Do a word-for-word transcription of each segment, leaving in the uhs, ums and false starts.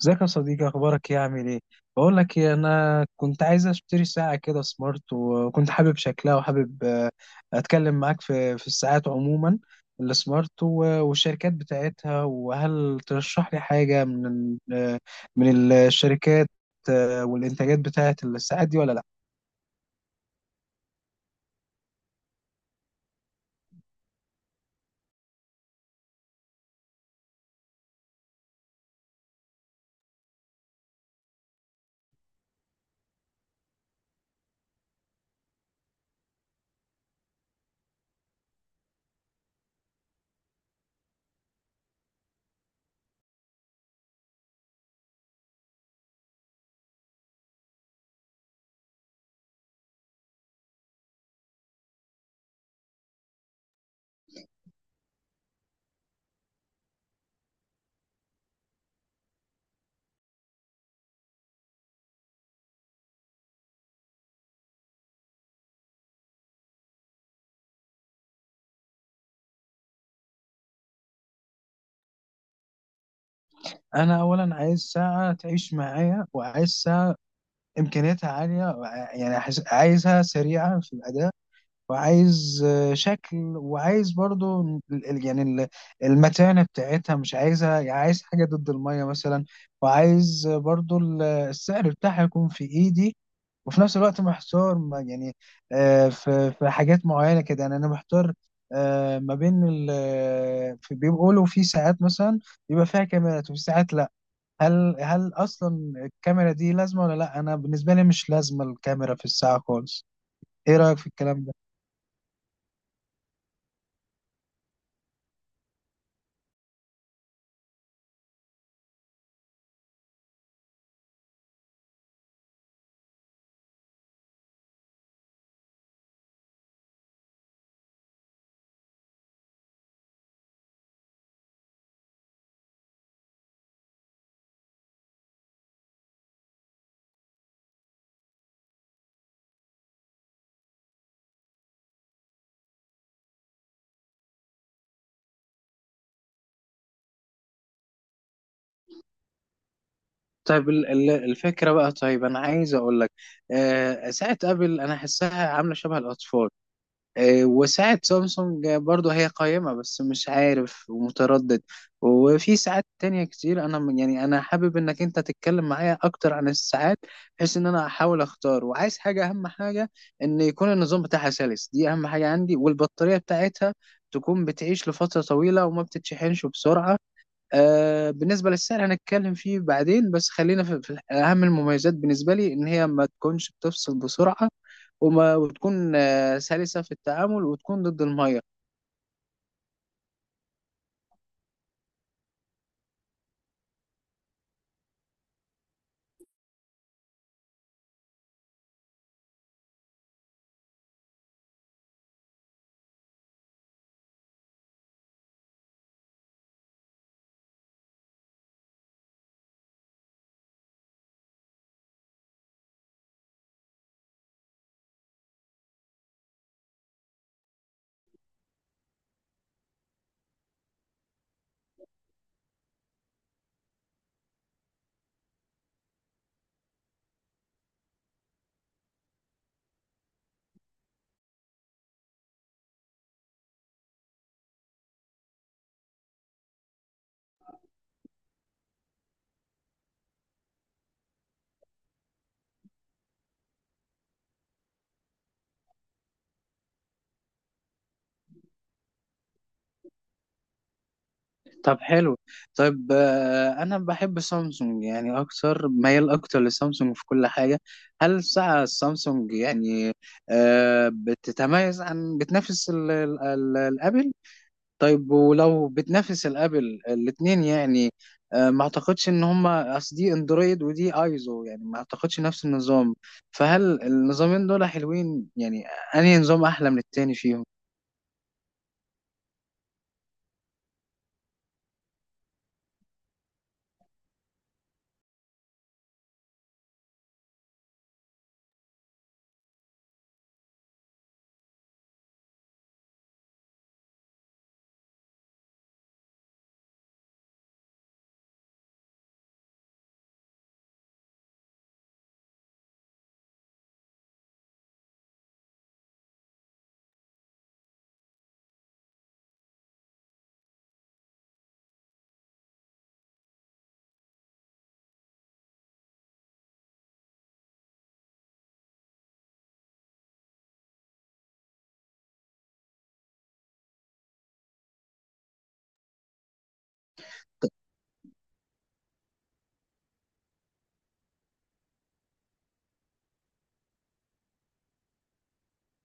ازيك يا صديقي؟ اخبارك ايه؟ عامل ايه؟ بقول لك ايه، انا كنت عايز اشتري ساعه كده سمارت، وكنت حابب شكلها، وحابب آه، اتكلم معاك في في الساعات عموما. السمارت و- والشركات بتاعتها. وهل ترشح لي حاجه من ال- آه، من الشركات؟ آه، والانتاجات بتاعت الساعات دي ولا لا؟ انا اولا عايز ساعه تعيش معايا، وعايز ساعه امكانياتها عاليه، يعني عايزها سريعه في الاداء. وعايز آه، شكل، وعايز برضو ال- ال- يعني ال- المتانة بتاعتها، مش عايزها يعني عايز حاجة ضد المية مثلا. وعايز آه، برضو ال- السعر بتاعها يكون في ايدي. وفي نفس الوقت محتار ما- يعني، آه، في في حاجات معينة كده، يعني انا محتار آه، ما بين ال آه، في- بيقولوا في ساعات مثلا بيبقى فيها كاميرات، وفي ساعات لا. هل هل اصلا الكاميرا دي لازمة ولا لا؟ انا بالنسبة لي مش لازمة الكاميرا في الساعة خالص. ايه رأيك في الكلام ده؟ طيب، ال- ال- الفكرة بقى، طيب أنا عايز أقول لك، آه، ساعة أبل أنا أحسها عاملة شبه الأطفال. آه، وساعة سامسونج برضو هي قائمة، بس مش عارف ومتردد. وفي ساعات تانية كتير أنا من- يعني أنا حابب إنك أنت تتكلم معايا أكتر عن الساعات، بحيث إن أنا أحاول أختار. وعايز حاجة، أهم حاجة إن يكون النظام بتاعها سلس، دي أهم حاجة عندي، والبطارية بتاعتها تكون بتعيش لفترة طويلة وما بتتشحنش بسرعة. آه بالنسبة للسعر هنتكلم فيه بعدين، بس خلينا في في أهم المميزات بالنسبة لي، إن هي ما تكونش بتفصل بسرعة، وما وتكون آه سلسة في التعامل، وتكون ضد المية. طب حلو. طيب، آه أنا بحب سامسونج، يعني أكتر ميال، أكتر لسامسونج في كل حاجة. هل الساعة السامسونج، يعني، آه بتتميز عن، بتنافس ال- ال- ال- الأبل؟ طيب، ولو بتنافس الابل، الاثنين يعني، آه، ما اعتقدش ان هما، اصل دي اندرويد ودي ايزو، يعني ما اعتقدش نفس النظام. فهل النظامين دول حلوين؟ يعني انهي نظام احلى من التاني فيهم؟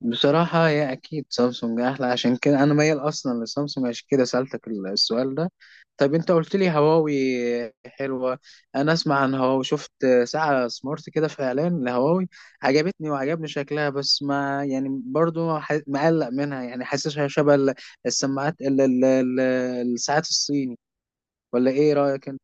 بصراحة هي أكيد سامسونج أحلى، عشان كده أنا ميال أصلا لسامسونج، عشان كده سألتك ال- السؤال ده. طب أنت قلت لي هواوي حلوة. أنا أسمع عن هواوي، شفت ساعة سمارت كده في إعلان لهواوي، عجبتني وعجبني شكلها، بس ما يعني برضو ح- مقلق منها، يعني حاسسها شبه ال- السماعات ال- ال- ال- الساعات الصيني. ولا إيه رأيك أنت؟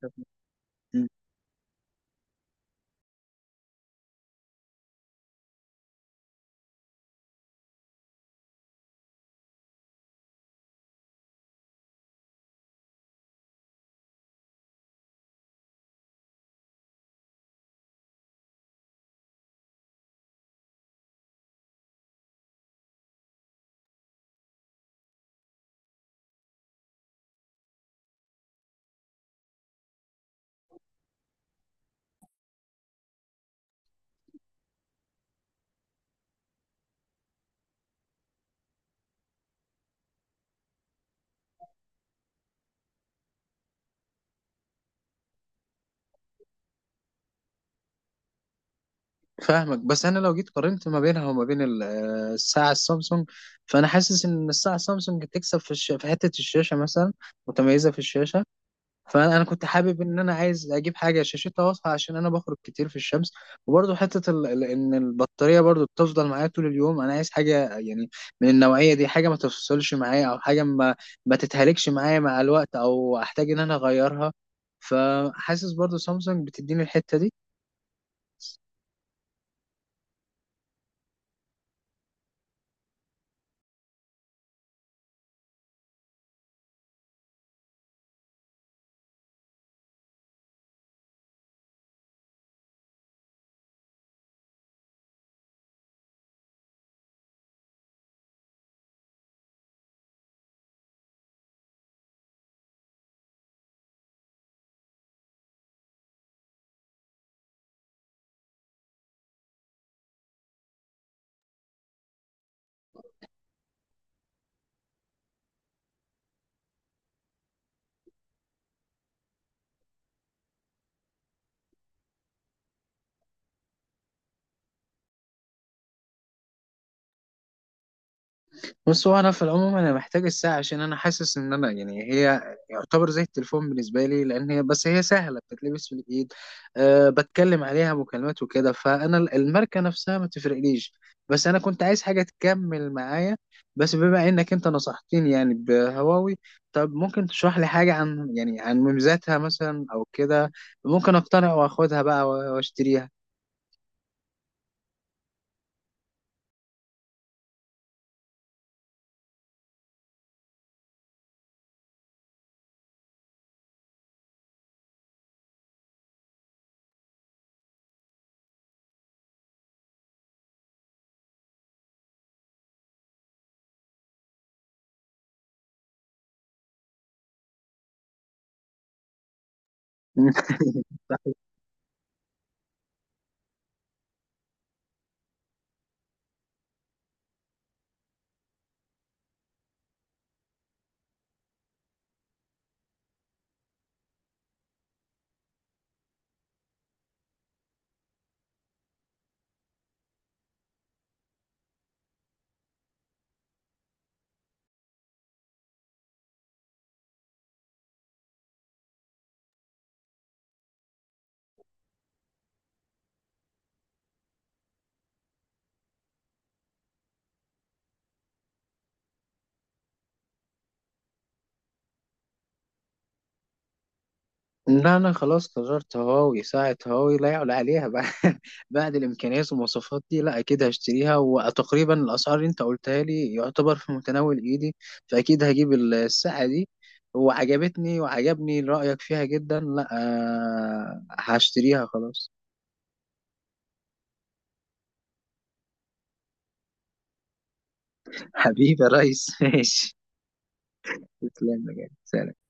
فاهمك. بس انا لو جيت قارنت ما بينها وما بين ال- آه، الساعه السامسونج، فانا حاسس ان الساعه السامسونج تكسب في الش... في حته الشاشه مثلا، متميزه في الشاشه. فانا أنا كنت حابب ان انا عايز اجيب حاجه شاشتها واضحه، عشان انا بخرج كتير في الشمس. وبرضه حته ال... ال- ان البطاريه برضه بتفضل معايا طول اليوم. انا عايز حاجه، يعني من النوعيه دي، حاجه ما تفصلش معايا، او حاجه ما ما تتهلكش معايا مع الوقت، او احتاج ان انا اغيرها. فحاسس برضه سامسونج بتديني الحته دي. بص، هو انا في العموم انا محتاج الساعه، عشان انا حاسس ان انا، يعني، هي يعتبر زي التليفون بالنسبه لي، لان هي، بس هي سهله بتتلبس في الايد. أه بتكلم عليها مكالمات وكده، فانا ال- الماركه نفسها ما تفرقليش. بس انا كنت عايز حاجه تكمل معايا. بس بما انك انت نصحتني يعني بهواوي، طب ممكن تشرح لي حاجه عن، يعني، عن مميزاتها مثلا او كده؟ ممكن اقتنع واخدها بقى واشتريها. لا أنا خلاص قررت، هواوي، ساعة هواوي لا يعلى عليها. بعد بعد الإمكانيات والمواصفات دي، لا أكيد هشتريها. وتقريبا الأسعار اللي أنت قلتها لي يعتبر في متناول إيدي، فأكيد هجيب الساعة دي. وعجبتني وعجبني رأيك فيها جدا. لا آه، هشتريها خلاص. حبيبي يا ريس ماشي. تسلم يا جدع. سلام.